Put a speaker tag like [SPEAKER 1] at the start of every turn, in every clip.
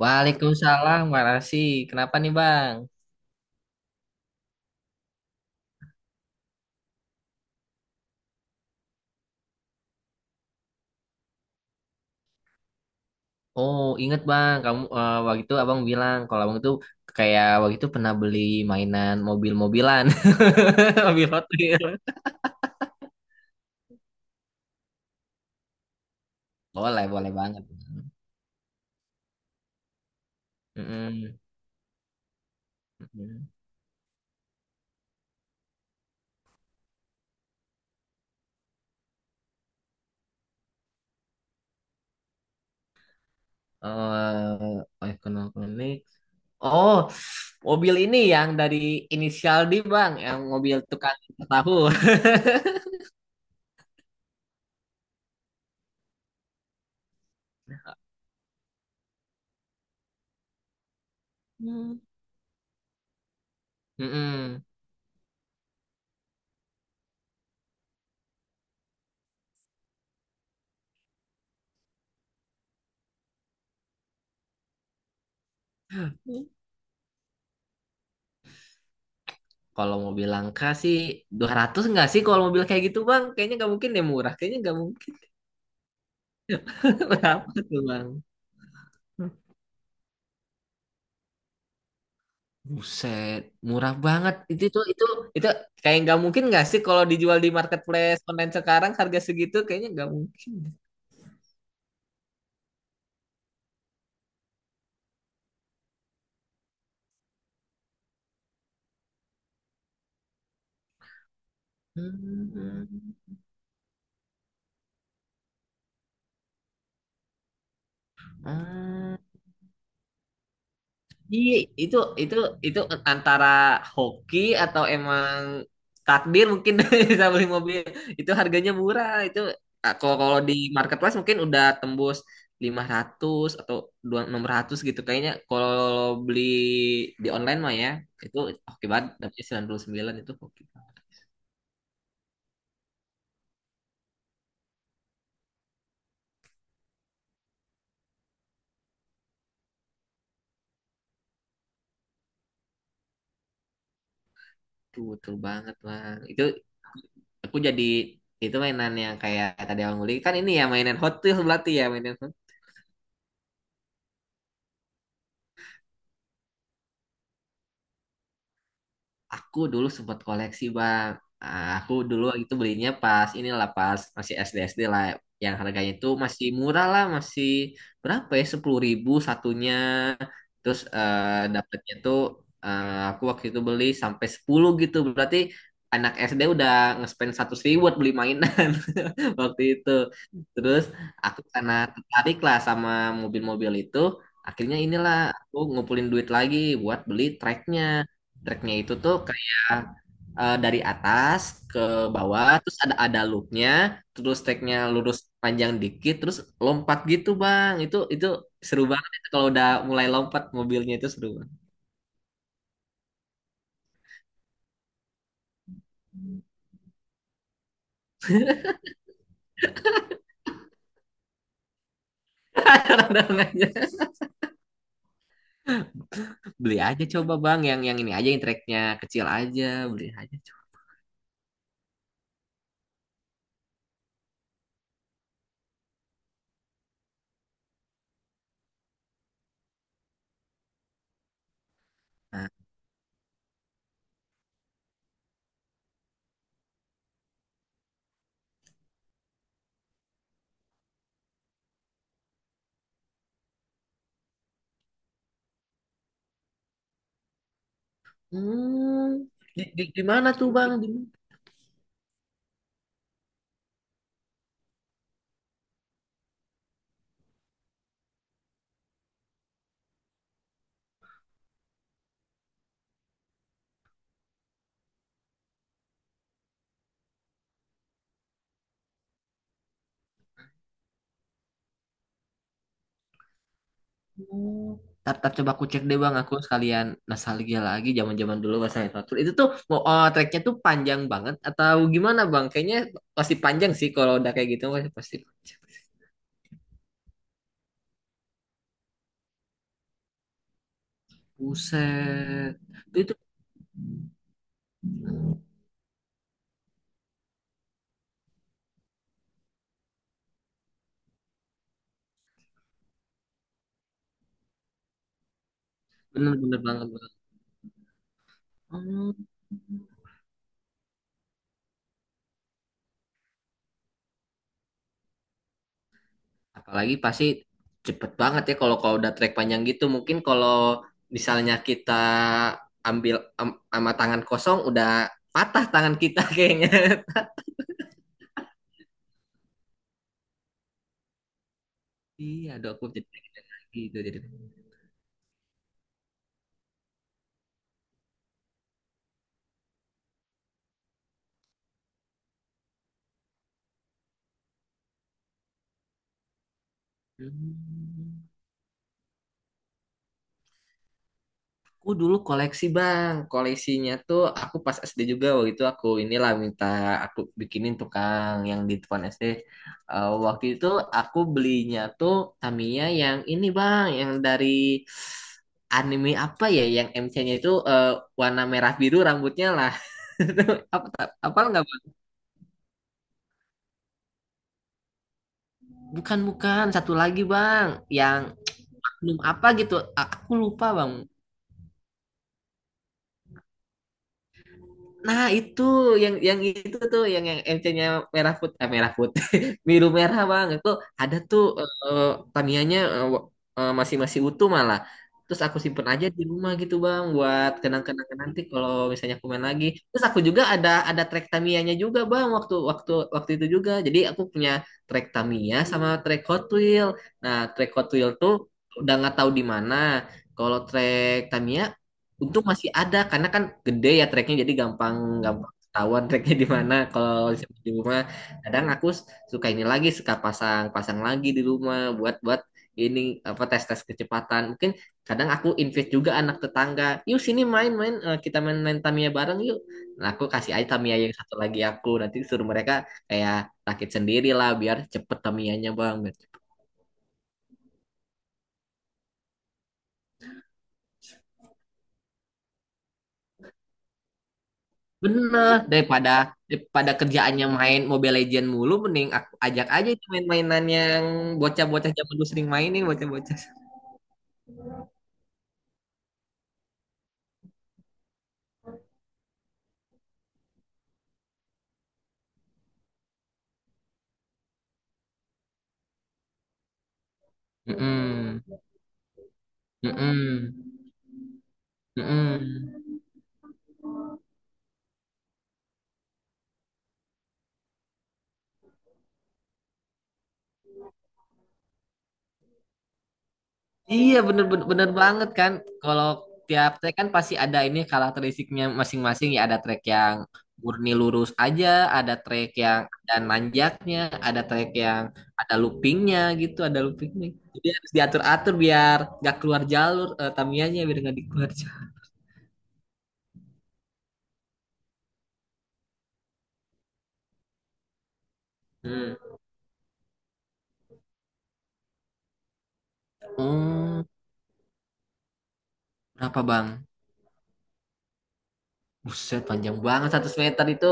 [SPEAKER 1] Waalaikumsalam, makasih. Kenapa nih, Bang? Oh, inget, Bang. Kamu waktu itu Abang bilang kalau Abang itu kayak waktu itu pernah beli mainan mobil-mobilan. Mobil Hot Wheels. Boleh, boleh banget. Mm-mm. Mm-mm. Eh, ekonomi. Oh, mobil ini yang dari inisial D, Bang, yang mobil tukang tahu. Mm-mm. Kalau mobil langka sih 200 nggak sih kalau mobil kayak gitu, Bang? Kayaknya nggak mungkin deh murah. Kayaknya nggak mungkin. Berapa tuh, Bang? Buset, murah banget. Itu tuh itu kayak nggak mungkin nggak sih kalau dijual di marketplace online sekarang harga segitu kayaknya nggak mungkin. Hmm. Hmm. Iya, itu itu itu antara hoki atau emang takdir mungkin bisa beli mobil. Itu harganya murah. Itu ah, kalau kalau di marketplace mungkin udah tembus 500 atau dua enam ratus gitu kayaknya kalau beli di online mah ya. Itu hoki banget dapetnya 99, itu hoki banget. Tuh, betul banget, Bang. Itu aku jadi itu mainan yang kayak tadi Abang beli kan ini ya mainan Hot Wheels berarti ya mainan. Aku dulu sempat koleksi, bang. Ah, aku dulu waktu itu belinya pas inilah pas masih SD SD lah, yang harganya itu masih murah lah, masih berapa ya 10 ribu satunya. Terus dapatnya tuh aku waktu itu beli sampai 10 gitu, berarti anak SD udah nge-spend 100 ribu buat beli mainan waktu itu. Terus aku karena tertarik lah sama mobil-mobil itu, akhirnya inilah aku ngumpulin duit lagi buat beli tracknya. Tracknya itu tuh kayak dari atas ke bawah, terus ada loopnya, terus tracknya lurus panjang dikit, terus lompat gitu, bang. Itu seru banget itu kalau udah mulai lompat mobilnya itu seru banget. Dorong aja. Beli aja coba, bang, yang ini aja yang tracknya kecil aja, beli aja coba. Nah, hmm, di mana tuh, bang? Di oh. Tar, tar, coba aku cek deh, bang, aku sekalian nostalgia lagi zaman-zaman dulu pas naik Fatul. Itu tuh mau oh, treknya tuh panjang banget atau gimana, bang? Kayaknya pasti panjang sih kalau udah kayak gitu, pasti, panjang. Buset, itu bener-bener banget, bang. Hmm. Apalagi pasti cepet banget ya kalau kalau udah trek panjang gitu. Mungkin kalau misalnya kita ambil sama tangan kosong udah patah tangan kita kayaknya. Iya, aduh aku jadi gitu jadi. Hmm. Aku dulu koleksi, bang, koleksinya tuh aku pas SD juga waktu itu aku inilah minta aku bikinin tukang yang di depan SD. Waktu itu aku belinya tuh Tamiya yang ini, bang, yang dari anime apa ya, yang MC-nya itu warna merah biru rambutnya lah. Apa, apa nggak, bang? Bukan, bukan, satu lagi, bang, yang oknum apa gitu, aku lupa, bang. Nah, itu yang itu tuh yang MC-nya merah putih, eh, merah putih, biru merah, Bang. Itu ada tuh eh, Tamiya-nya masih masih utuh malah. Terus aku simpen aja di rumah gitu, Bang, buat kenang-kenangan nanti kalau misalnya aku main lagi. Terus aku juga ada track Tamiya-nya juga, Bang, waktu waktu waktu itu juga. Jadi aku punya track Tamiya sama track Hot Wheel. Nah, track Hot Wheel tuh udah nggak tahu di mana. Kalau track Tamiya untung masih ada karena kan gede ya treknya, jadi gampang gampang ketahuan treknya di mana. Kalau di rumah kadang aku suka ini lagi, suka pasang pasang lagi di rumah buat buat ini apa tes tes kecepatan. Mungkin kadang aku invite juga anak tetangga. Yuk sini main-main, kita main-main Tamiya bareng yuk. Nah, aku kasih aja Tamiya yang satu lagi, aku nanti suruh mereka kayak rakit sendiri lah biar cepet Tamiyanya, bang. Bener, daripada daripada kerjaannya main Mobile Legend mulu, mending aku ajak aja itu main-mainan yang bocah-bocah zaman dulu sering mainin bocah-bocah. Mm-mm. Mm-mm. Mm-mm. Iya bener, bener bener banget kan. Kalau tiap track kan pasti ada ini karakteristiknya masing-masing ya. Ada track yang murni lurus aja, ada track yang ada nanjaknya, ada track yang ada loopingnya gitu, ada loopingnya. Jadi harus diatur-atur biar gak keluar jalur, tamianya biar gak dikeluar. Hmm. Oh, berapa, bang? Buset, panjang banget 100 meter itu.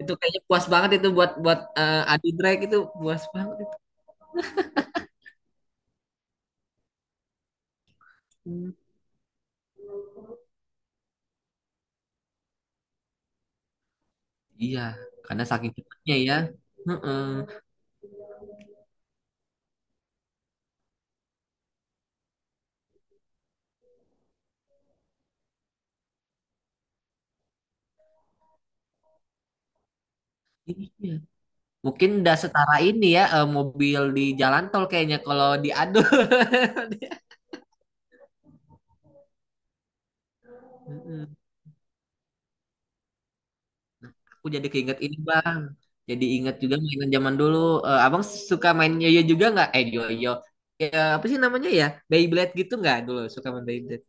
[SPEAKER 1] Itu kayaknya puas banget itu buat buat adu drag, itu puas banget itu. Hmm. Iya, karena saking cepatnya ya. Heeh. Iya. Mungkin udah setara ini ya, mobil di jalan tol kayaknya kalau diadu. Heeh. Aku jadi keinget ini, bang. Jadi ingat juga mainan zaman dulu. Abang suka main yoyo juga nggak? Eh yoyo. Ya, apa sih namanya ya? Beyblade gitu nggak dulu? Suka main Beyblade.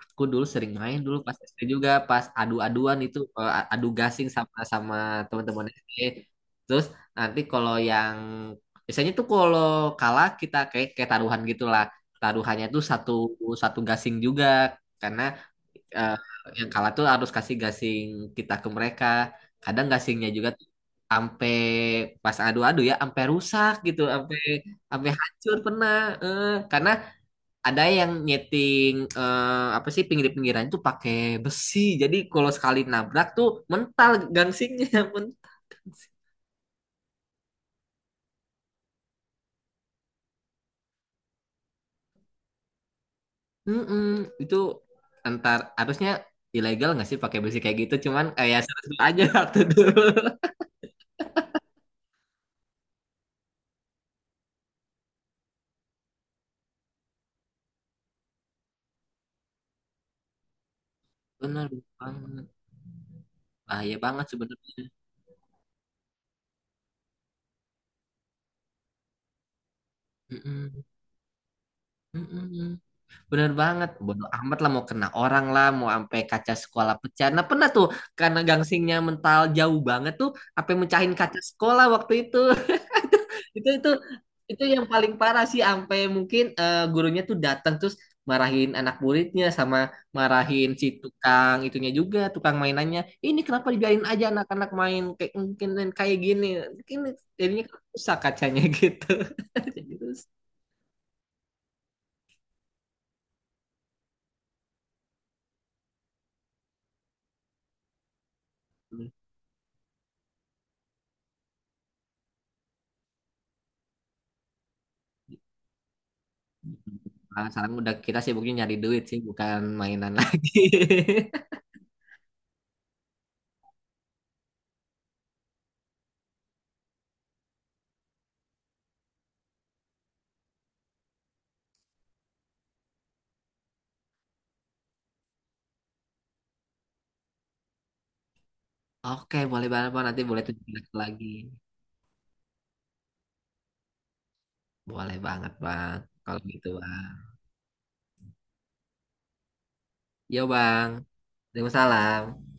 [SPEAKER 1] Aku dulu sering main dulu pas SD juga, pas adu-aduan itu adu gasing sama sama teman-teman SD. Terus nanti kalau yang biasanya tuh kalau kalah kita kayak kayak taruhan gitulah. Taruhannya tuh satu satu gasing juga karena eh, yang kalah tuh harus kasih gasing kita ke mereka. Kadang gasingnya juga tuh sampai pas adu-adu ya sampai rusak gitu, sampai sampai hancur pernah. Karena ada yang nyeting apa sih pinggir-pinggiran itu pakai besi. Jadi kalau sekali nabrak tuh mental gangsingnya mental sih. Mm-mm. Itu antar harusnya ilegal nggak sih pakai besi kayak gitu, cuman kayak ya seru aja waktu dulu. Bener banget, bahaya banget sebenarnya. Mm-mm. Mm-mm. Bener banget, bodo amat lah mau kena orang lah, mau sampai kaca sekolah pecah, nah pernah tuh, karena gangsingnya mental jauh banget tuh sampai mecahin kaca sekolah waktu itu. Itu itu itu yang paling parah sih, sampai mungkin gurunya tuh datang terus marahin anak muridnya, sama marahin si tukang itunya juga, tukang mainannya, ini kenapa dibiarin aja anak-anak main kayak mungkin main kayak gini, ini jadinya rusak kacanya gitu. Jadi terus nah, sekarang udah kita sibuknya nyari duit sih bukan mainan lagi. Oke boleh banget, bang, nanti boleh tunjukin lagi. Boleh banget, bang, kalau gitu, bang. Yo, bang. Waalaikumsalam.